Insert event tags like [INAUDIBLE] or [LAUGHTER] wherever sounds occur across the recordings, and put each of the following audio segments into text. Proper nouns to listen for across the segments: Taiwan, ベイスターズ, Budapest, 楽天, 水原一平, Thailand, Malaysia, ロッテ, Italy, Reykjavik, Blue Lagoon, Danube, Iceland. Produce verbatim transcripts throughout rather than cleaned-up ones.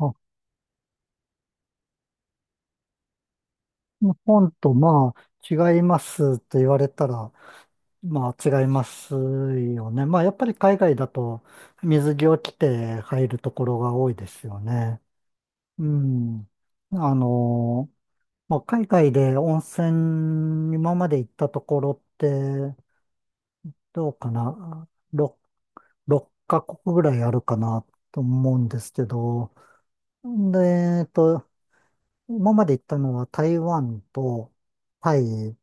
あ、日本とまあ違いますと言われたら、まあ違いますよね。まあやっぱり海外だと水着を着て入るところが多いですよね。うん。あの、まあ、海外で温泉、今まで行ったところってどうかな。ろく、ろっカ国ぐらいあるかなと思うんですけど。で、えっと、今まで行ったのは台湾とタイ、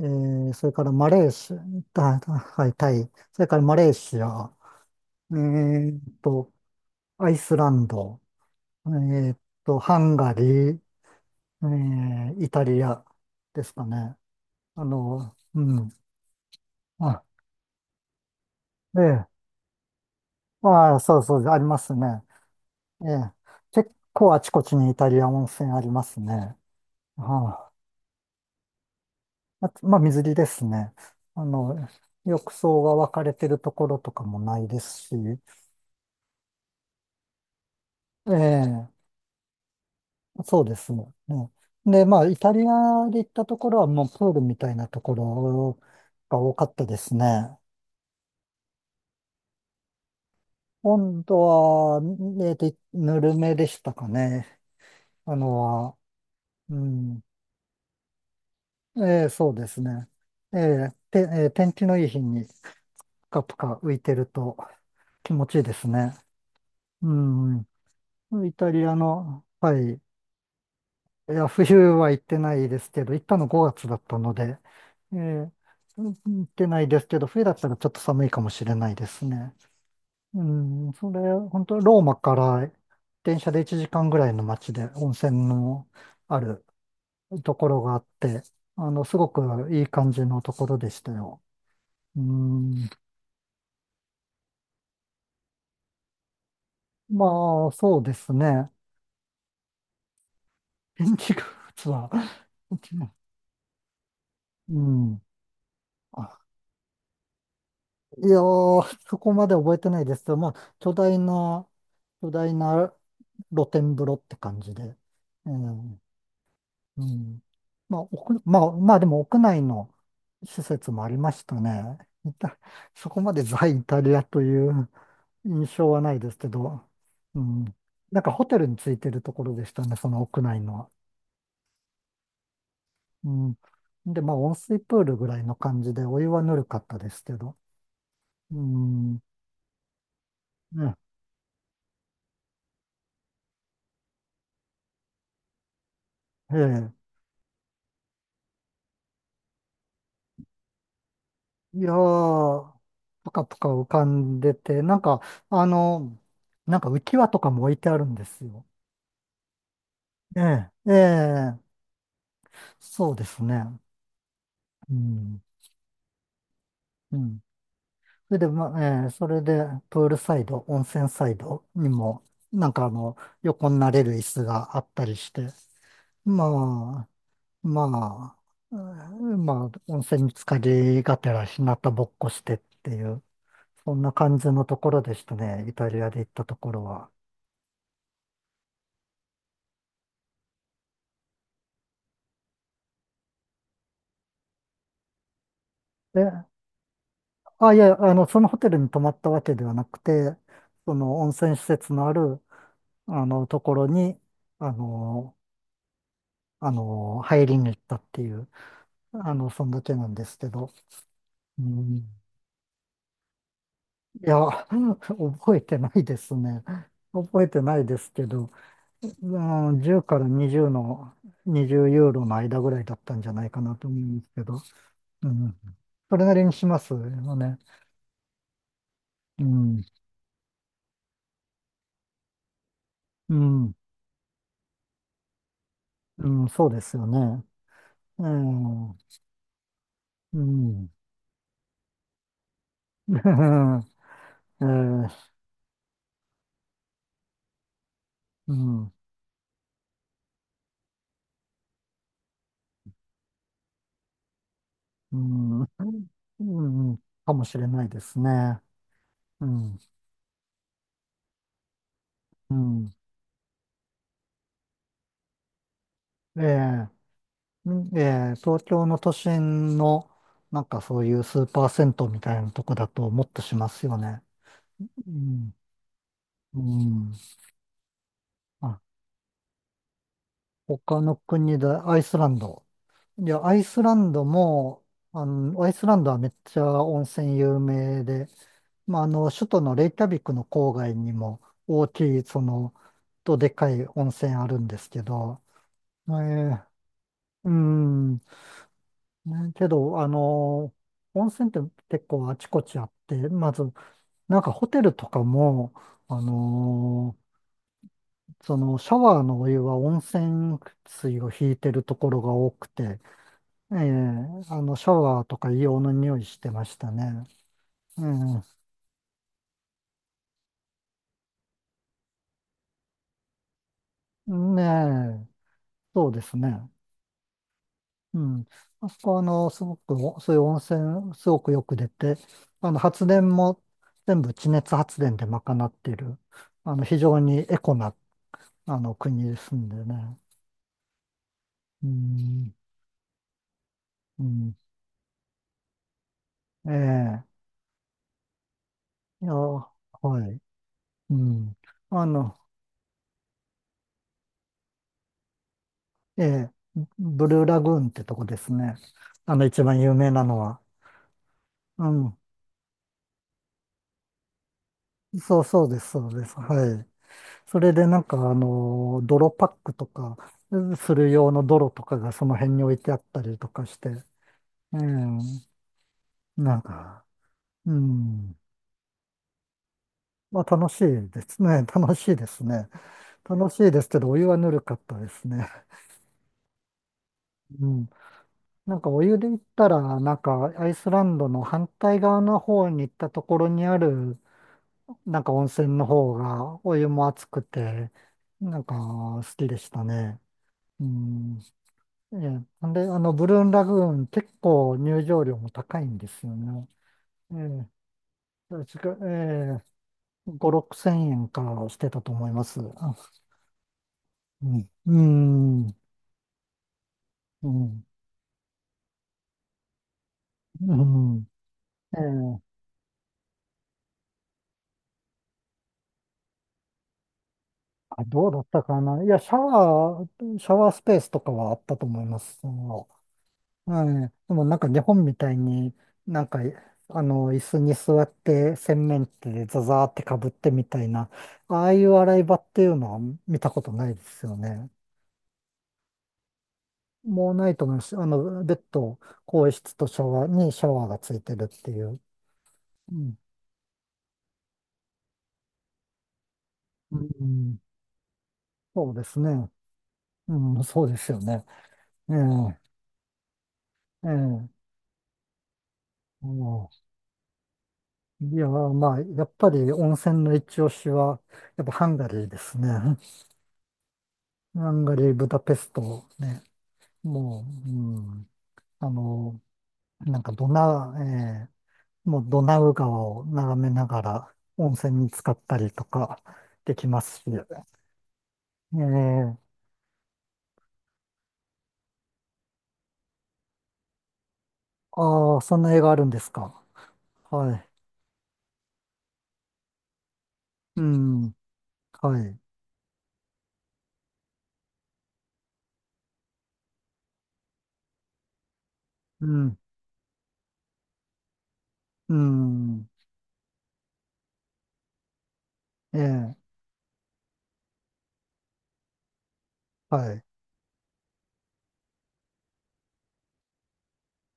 えー、それからマレーシア、たたはい、タイ、それからマレーシア、えーっと、アイスランド、えーっと、ハンガリー、えーイタリアですかね。あの、うん。あ、ええ、ああ、そうそう、ありますね。ええ、結構あちこちにイタリア温泉ありますね。はあ、あとまあ、水着ですね。あの、浴槽が分かれてるところとかもないですし、ええ、そうですね。うん、で、まあ、イタリアで行ったところはもうプールみたいなところが多かったですね。温度は、えっと、ぬるめでしたかね。あのは、うん。ええ、そうですね。ええ、て、ええ、天気のいい日にぷかぷか浮いてると気持ちいいですね。うん。イタリアの、はい。いや、冬は行ってないですけど、行ったのごがつだったので、えーうん、行ってないですけど、冬だったらちょっと寒いかもしれないですね。うん、それ、本当ローマから電車でいちじかんぐらいの街で温泉のあるところがあって、あの、すごくいい感じのところでしたよ。うん、まあ、そうですね。[LAUGHS] 天気が、実は、うん、いやー、そこまで覚えてないですけど、まあ、巨大な、巨大な露天風呂って感じで。うん。うん。まあ、屋まあ、まあ、でも屋内の施設もありましたね。いた [LAUGHS] そこまでザ・イタリアという印象はないですけど、うん。なんかホテルについてるところでしたね、その屋内のは。うん。で、まあ、温水プールぐらいの感じで、お湯はぬるかったですけど。うん。ねええ。いやー、ぷかぷか浮かんでて、なんか、あの、なんか浮き輪とかも置いてあるんですよ。ええ、ええ、そうですね。うん、うん。それで、ま、ええ、それで、プールサイド、温泉サイドにも、なんか、あの、横になれる椅子があったりして、まあ、まあ、うんまあ、温泉に浸かりがてら、日向ぼっこしてっていう、そんな感じのところでしたね、イタリアで行ったところは。え、あ、いや、あの、そのホテルに泊まったわけではなくて、その温泉施設のある、あの、ところに、あの、あの、入りに行ったっていう、あの、そんだけなんですけど、うん、いや、[LAUGHS] 覚えてないですね。覚えてないですけど、うん、じゅうからにじゅうの、にじゅうユーロの間ぐらいだったんじゃないかなと思うんですけど、うん、それなりにしますよね。うん、うん、うん、そうですよね。ええ、うん、[LAUGHS] ええ、ええ、うん、ええ、うん、うん、かもしれないですね。うん、うん。ええ、うん、ええ、東京の都心の、なんかそういうスーパー銭湯みたいなとこだともっとしますよね。うん、うん。あ、他の国でアイスランド。いや、アイスランドも、あの、アイスランドはめっちゃ温泉有名で、まあ、あの、首都のレイキャビクの郊外にも大きい、その、とでかい温泉あるんですけど、えー、うん、ねけど、あの、温泉って結構あちこちあって、まず、なんかホテルとかも、あのそのシャワーのお湯は温泉水を引いてるところが多くて、えーあの、シャワーとか硫黄の匂いしてましたね。うん、ねえ、そうですね。うん。あそこは、あの、すごくお、そういう温泉、すごくよく出て、あの、発電も全部地熱発電で賄っている、あの、非常にエコな、あの、国ですんでね。うん、うん、ええ、いや、はい、うん。あの、ええ、ブルーラグーンってとこですね。あの、一番有名なのは。うん、そうそうです、そうです。はい。それでなんかあの、泥パックとか、する用の泥とかがその辺に置いてあったりとかして、うん、なんか、うん、まあ、楽しいですね。楽しいですね。楽しいですけど、お湯はぬるかったですね。うん。なんかお湯で行ったら、なんかアイスランドの反対側の方に行ったところにある、なんか温泉の方がお湯も熱くて、なんか好きでしたね。うん。ええ、んで、あの、ブルーンラグーン、結構入場料も高いんですよね。ええ、確か、ええ、ご、ろくせん円かしてたと思います。あ、うん、うん、うん、うん。ええ、あ、どうだったかな。いや、シャワー、シャワースペースとかはあったと思います。はい。でもなんか日本みたいに、なんか、あの、椅子に座って洗面器でザザーってかぶってみたいな、ああいう洗い場っていうのは見たことないですよね。もうないと思います。あの、ベッド、更衣室とシャワーにシャワーがついてるっていう。うん。うん、そうですね。うん、そうですよね。ええ、ええ。うん、いや、まあ、やっぱり温泉の一押しは、やっぱハンガリーですね。ハンガリー、ブダペストね。もう、うん、あの、なんかドナ、えー、もうドナウ川を眺めながら温泉に浸かったりとかできますし、ええ、ああ、そんな映画あるんですか。はい。うん、はい。うん、うん、ええ、はい。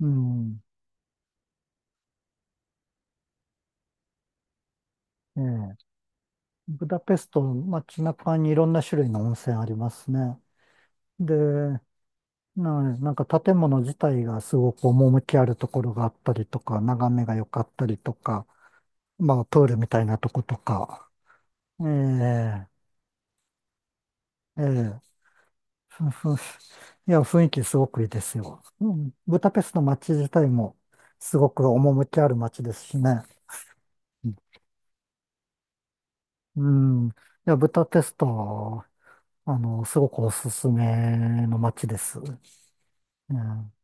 うん、ええ、ブダペスト、街中にいろんな種類の温泉ありますね。で、なんなんか建物自体がすごく趣あるところがあったりとか、眺めが良かったりとか、まあプールみたいなとことか、ええ、ええ、ふんふん、いや、雰囲気すごくいいですよ。うん、ブダペストの街自体もすごく趣ある街ですしね。うん、うん、いや、ブダペストは、あの、すごくおすすめの街です。うん。